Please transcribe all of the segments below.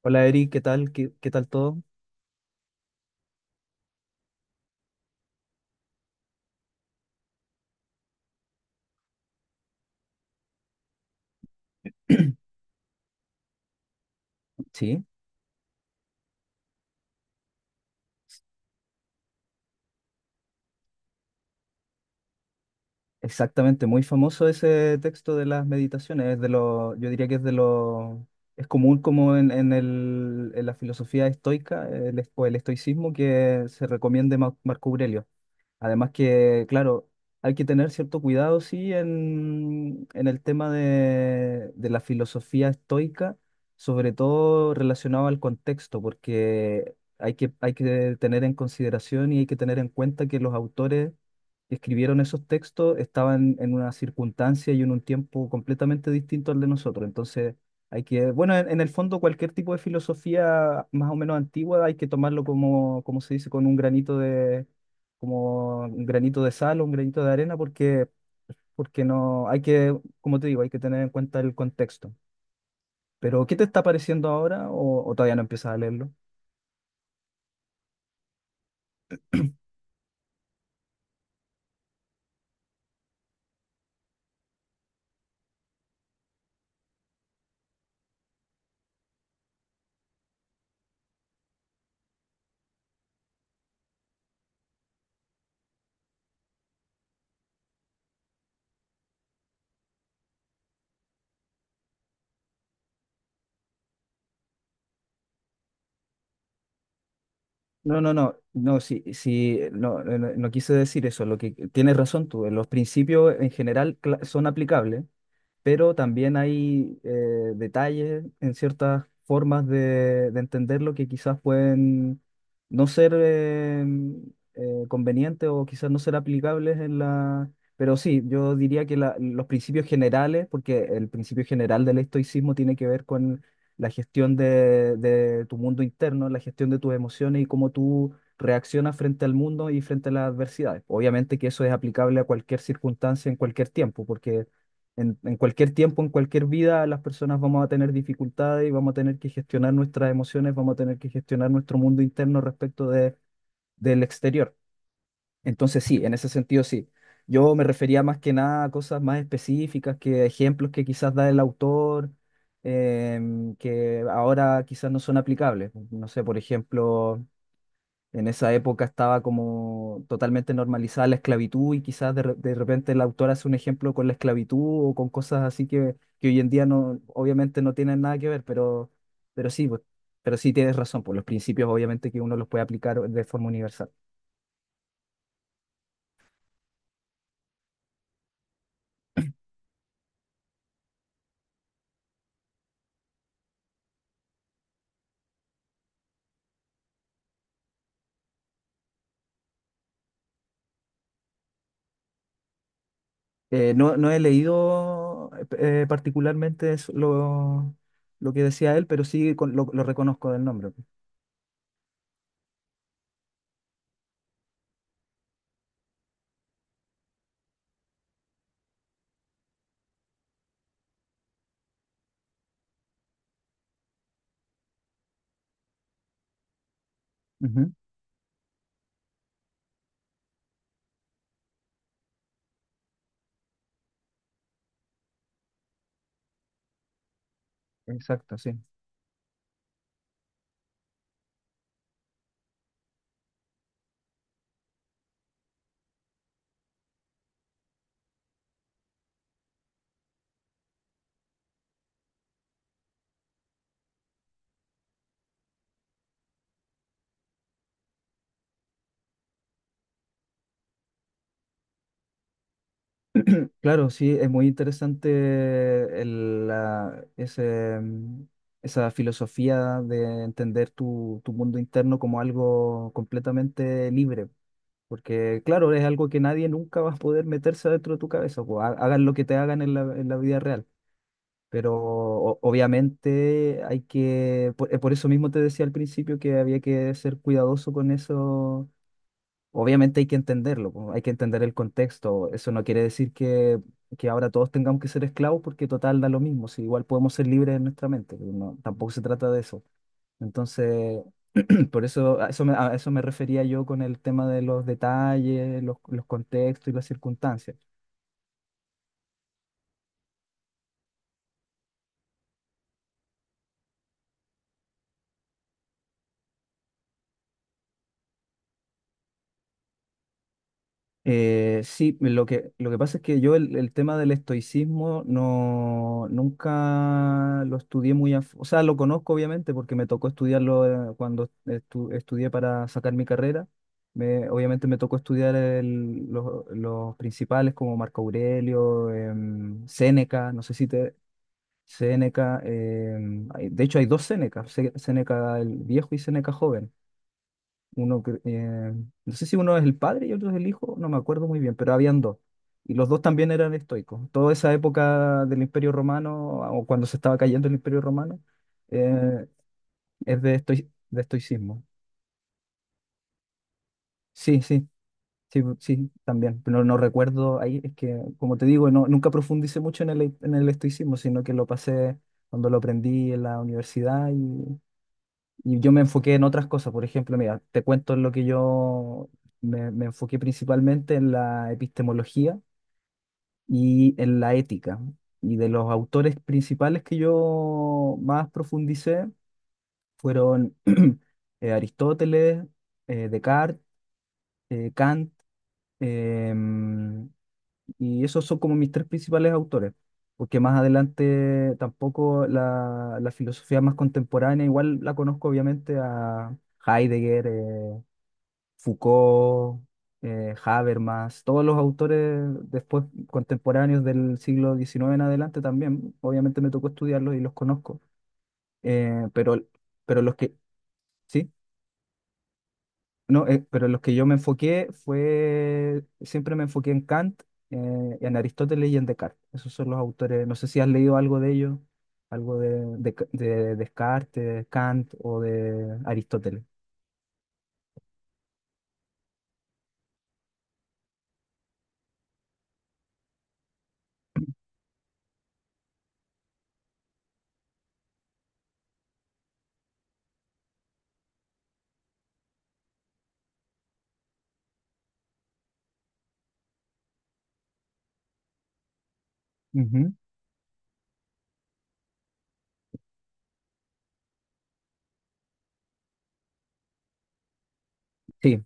Hola, Eric, ¿qué tal? ¿Qué tal todo? Sí, exactamente, muy famoso ese texto de las meditaciones. Yo diría que es de lo, es común como en la filosofía estoica, el, es- o el estoicismo, que se recomiende Marco Aurelio. Además que, claro, hay que tener cierto cuidado, sí, en, el tema de la filosofía estoica, sobre todo relacionado al contexto, porque hay que tener en consideración y hay que tener en cuenta que los autores que escribieron esos textos estaban en una circunstancia y en un tiempo completamente distinto al de nosotros. Entonces, bueno, en el fondo, cualquier tipo de filosofía más o menos antigua hay que tomarlo, como se dice, con un granito de, sal o un granito de arena, porque no, hay que, como te digo, hay que tener en cuenta el contexto. Pero ¿qué te está pareciendo ahora, o todavía no empiezas a leerlo? No, no, no, no, sí, sí, no, no, no quise decir eso. Lo que tienes razón tú, los principios en general son aplicables, pero también hay, detalles en ciertas formas de entenderlo que quizás pueden no ser, convenientes, o quizás no ser aplicables en la. Pero sí, yo diría que los principios generales, porque el principio general del estoicismo tiene que ver con la gestión de tu mundo interno, la gestión de tus emociones y cómo tú reaccionas frente al mundo y frente a las adversidades. Obviamente que eso es aplicable a cualquier circunstancia en cualquier tiempo, porque en cualquier tiempo, en cualquier vida, las personas vamos a tener dificultades y vamos a tener que gestionar nuestras emociones, vamos a tener que gestionar nuestro mundo interno respecto del exterior. Entonces, sí, en ese sentido, sí. Yo me refería más que nada a cosas más específicas, que ejemplos que quizás da el autor, que ahora quizás no son aplicables. No sé, por ejemplo, en esa época estaba como totalmente normalizada la esclavitud, y quizás de repente el autor hace un ejemplo con la esclavitud o con cosas así, que hoy en día, no, obviamente no tienen nada que ver, pero sí, pues, pero sí tienes razón, por los principios, obviamente que uno los puede aplicar de forma universal. No, no he leído, particularmente lo que decía él, pero sí, lo reconozco del nombre. Ujú. Exacto, sí. Claro, sí, es muy interesante esa filosofía de entender tu mundo interno como algo completamente libre, porque claro, es algo que nadie nunca va a poder meterse adentro de tu cabeza, o, hagan lo que te hagan en la, vida real, pero obviamente por eso mismo te decía al principio que había que ser cuidadoso con eso. Obviamente hay que entenderlo, po, hay que entender el contexto. Eso no quiere decir que ahora todos tengamos que ser esclavos porque total da lo mismo, si igual podemos ser libres en nuestra mente. No, tampoco se trata de eso. Entonces, por eso, a eso me refería yo, con el tema de los detalles, los contextos y las circunstancias. Sí, lo que pasa es que yo el tema del estoicismo, no, nunca lo estudié muy, o sea, lo conozco obviamente porque me tocó estudiarlo, cuando estudié para sacar mi carrera. Obviamente me tocó estudiar los principales, como Marco Aurelio, Séneca, no sé si te. Séneca, de hecho hay dos Sénecas: Séneca el viejo y Séneca joven. uno, cre- eh, no sé si uno es el padre y otro es el hijo, no me acuerdo muy bien, pero habían dos. Y los dos también eran estoicos. Toda esa época del Imperio Romano, o cuando se estaba cayendo el Imperio Romano, eh, es de estoicismo. Sí, sí, sí, sí, también. Pero no recuerdo ahí, es que, como te digo, no, nunca profundicé mucho en el, estoicismo, sino que lo pasé cuando lo aprendí en la universidad. Y yo me enfoqué en otras cosas. Por ejemplo, mira, te cuento en lo que yo me enfoqué principalmente, en la epistemología y en la ética. Y de los autores principales que yo más profundicé fueron Aristóteles, Descartes, Kant, em, y esos son como mis tres principales autores, porque, más adelante, tampoco, la filosofía más contemporánea, igual la conozco, obviamente, a Heidegger, Foucault, Habermas, todos los autores después contemporáneos del siglo XIX en adelante. También, obviamente, me tocó estudiarlos y los conozco, pero, pero los que, sí, no, pero los que yo me enfoqué, siempre me enfoqué en Kant, en Aristóteles y en Descartes. Esos son los autores, no sé si has leído algo de ellos, algo de Descartes, Kant o de Aristóteles. Ujú. Sí,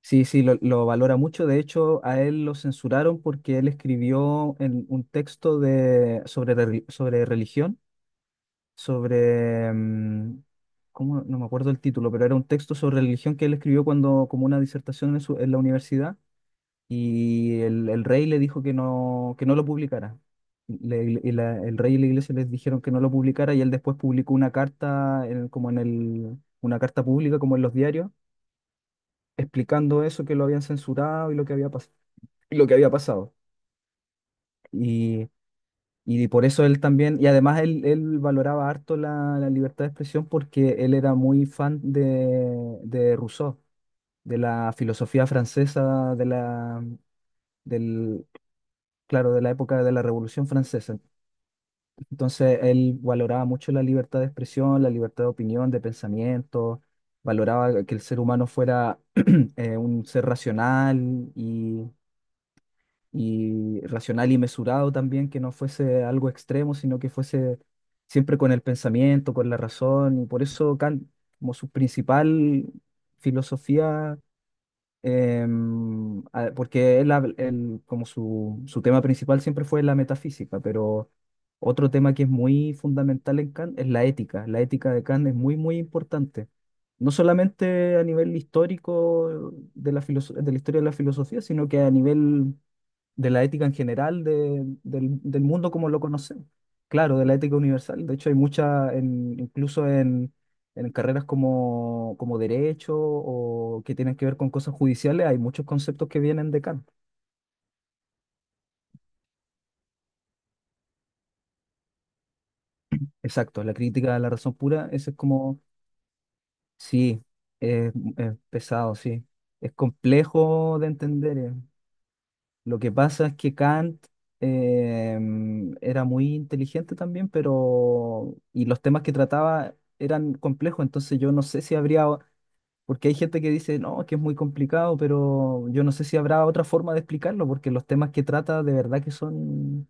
sí, sí, lo valora mucho. De hecho, a él lo censuraron porque él escribió en un texto, sobre religión, sobre, mm, ¿cómo? No me acuerdo el título, pero era un texto sobre religión que él escribió cuando, como una disertación, en la universidad, y el rey le dijo que no lo publicara. El rey y la iglesia les dijeron que no lo publicara, y él después publicó una carta, una carta pública, como en los diarios, explicando eso, que lo habían censurado y lo que había pasado. Y, y por eso él también, y además, él valoraba harto la, la libertad de expresión, porque él era muy fan de Rousseau, de la filosofía francesa, del, claro, de la época de la Revolución Francesa. Entonces él valoraba mucho la libertad de expresión, la libertad de opinión, de pensamiento, valoraba que el ser humano fuera un ser racional y mesurado también, que no fuese algo extremo, sino que fuese siempre con el pensamiento, con la razón, y por eso Kant, como su principal filosofía, porque él, como su tema principal siempre fue la metafísica, pero otro tema que es muy fundamental en Kant es la ética. La ética de Kant es muy, muy importante. No solamente a nivel histórico de la historia de la filosofía, sino que a nivel de la ética en general, del mundo como lo conocemos. Claro, de la ética universal. De hecho, hay mucha, incluso en carreras como derecho, o que tienen que ver con cosas judiciales, hay muchos conceptos que vienen de Kant. Exacto, la crítica de la razón pura, ese es como, sí, es pesado, sí. Es complejo de entender. Lo que pasa es que Kant, eh, era muy inteligente también, pero. Y los temas que trataba eran complejos, entonces yo no sé si habría. Porque hay gente que dice, no, que es muy complicado, pero yo no sé si habrá otra forma de explicarlo, porque los temas que trata de verdad que son.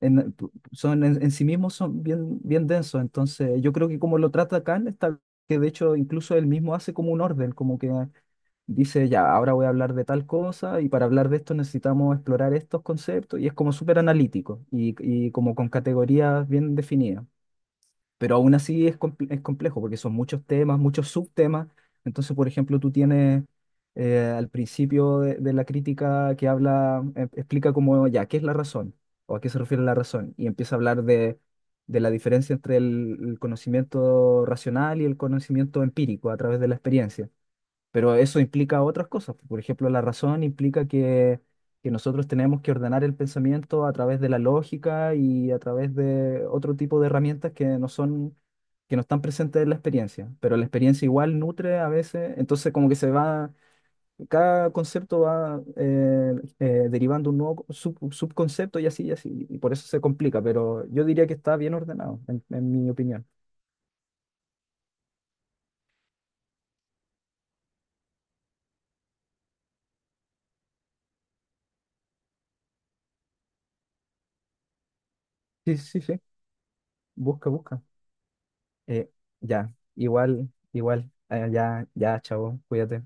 En, Son en sí mismos son bien, bien densos, entonces yo creo que como lo trata Kant, está, que de hecho incluso él mismo hace como un orden, como que dice, ya, ahora voy a hablar de tal cosa, y para hablar de esto necesitamos explorar estos conceptos, y es como súper analítico y como con categorías bien definidas. Pero aún así es complejo, porque son muchos temas, muchos subtemas. Entonces, por ejemplo, tú tienes, al principio de la crítica, que habla, explica como, ya, ¿qué es la razón? ¿O a qué se refiere la razón? Y empieza a hablar de la diferencia entre el conocimiento racional y el conocimiento empírico a través de la experiencia. Pero eso implica otras cosas. Por ejemplo, la razón implica que nosotros tenemos que ordenar el pensamiento a través de la lógica y a través de otro tipo de herramientas que no son, que no están presentes en la experiencia. Pero la experiencia igual nutre a veces, entonces como que se va, cada concepto va, derivando un nuevo subconcepto, y así y así. Y por eso se complica, pero yo diría que está bien ordenado, en, mi opinión. Sí, sí, sí. Busca, busca. Eh, ya, igual, ya, ya, chavo, cuídate.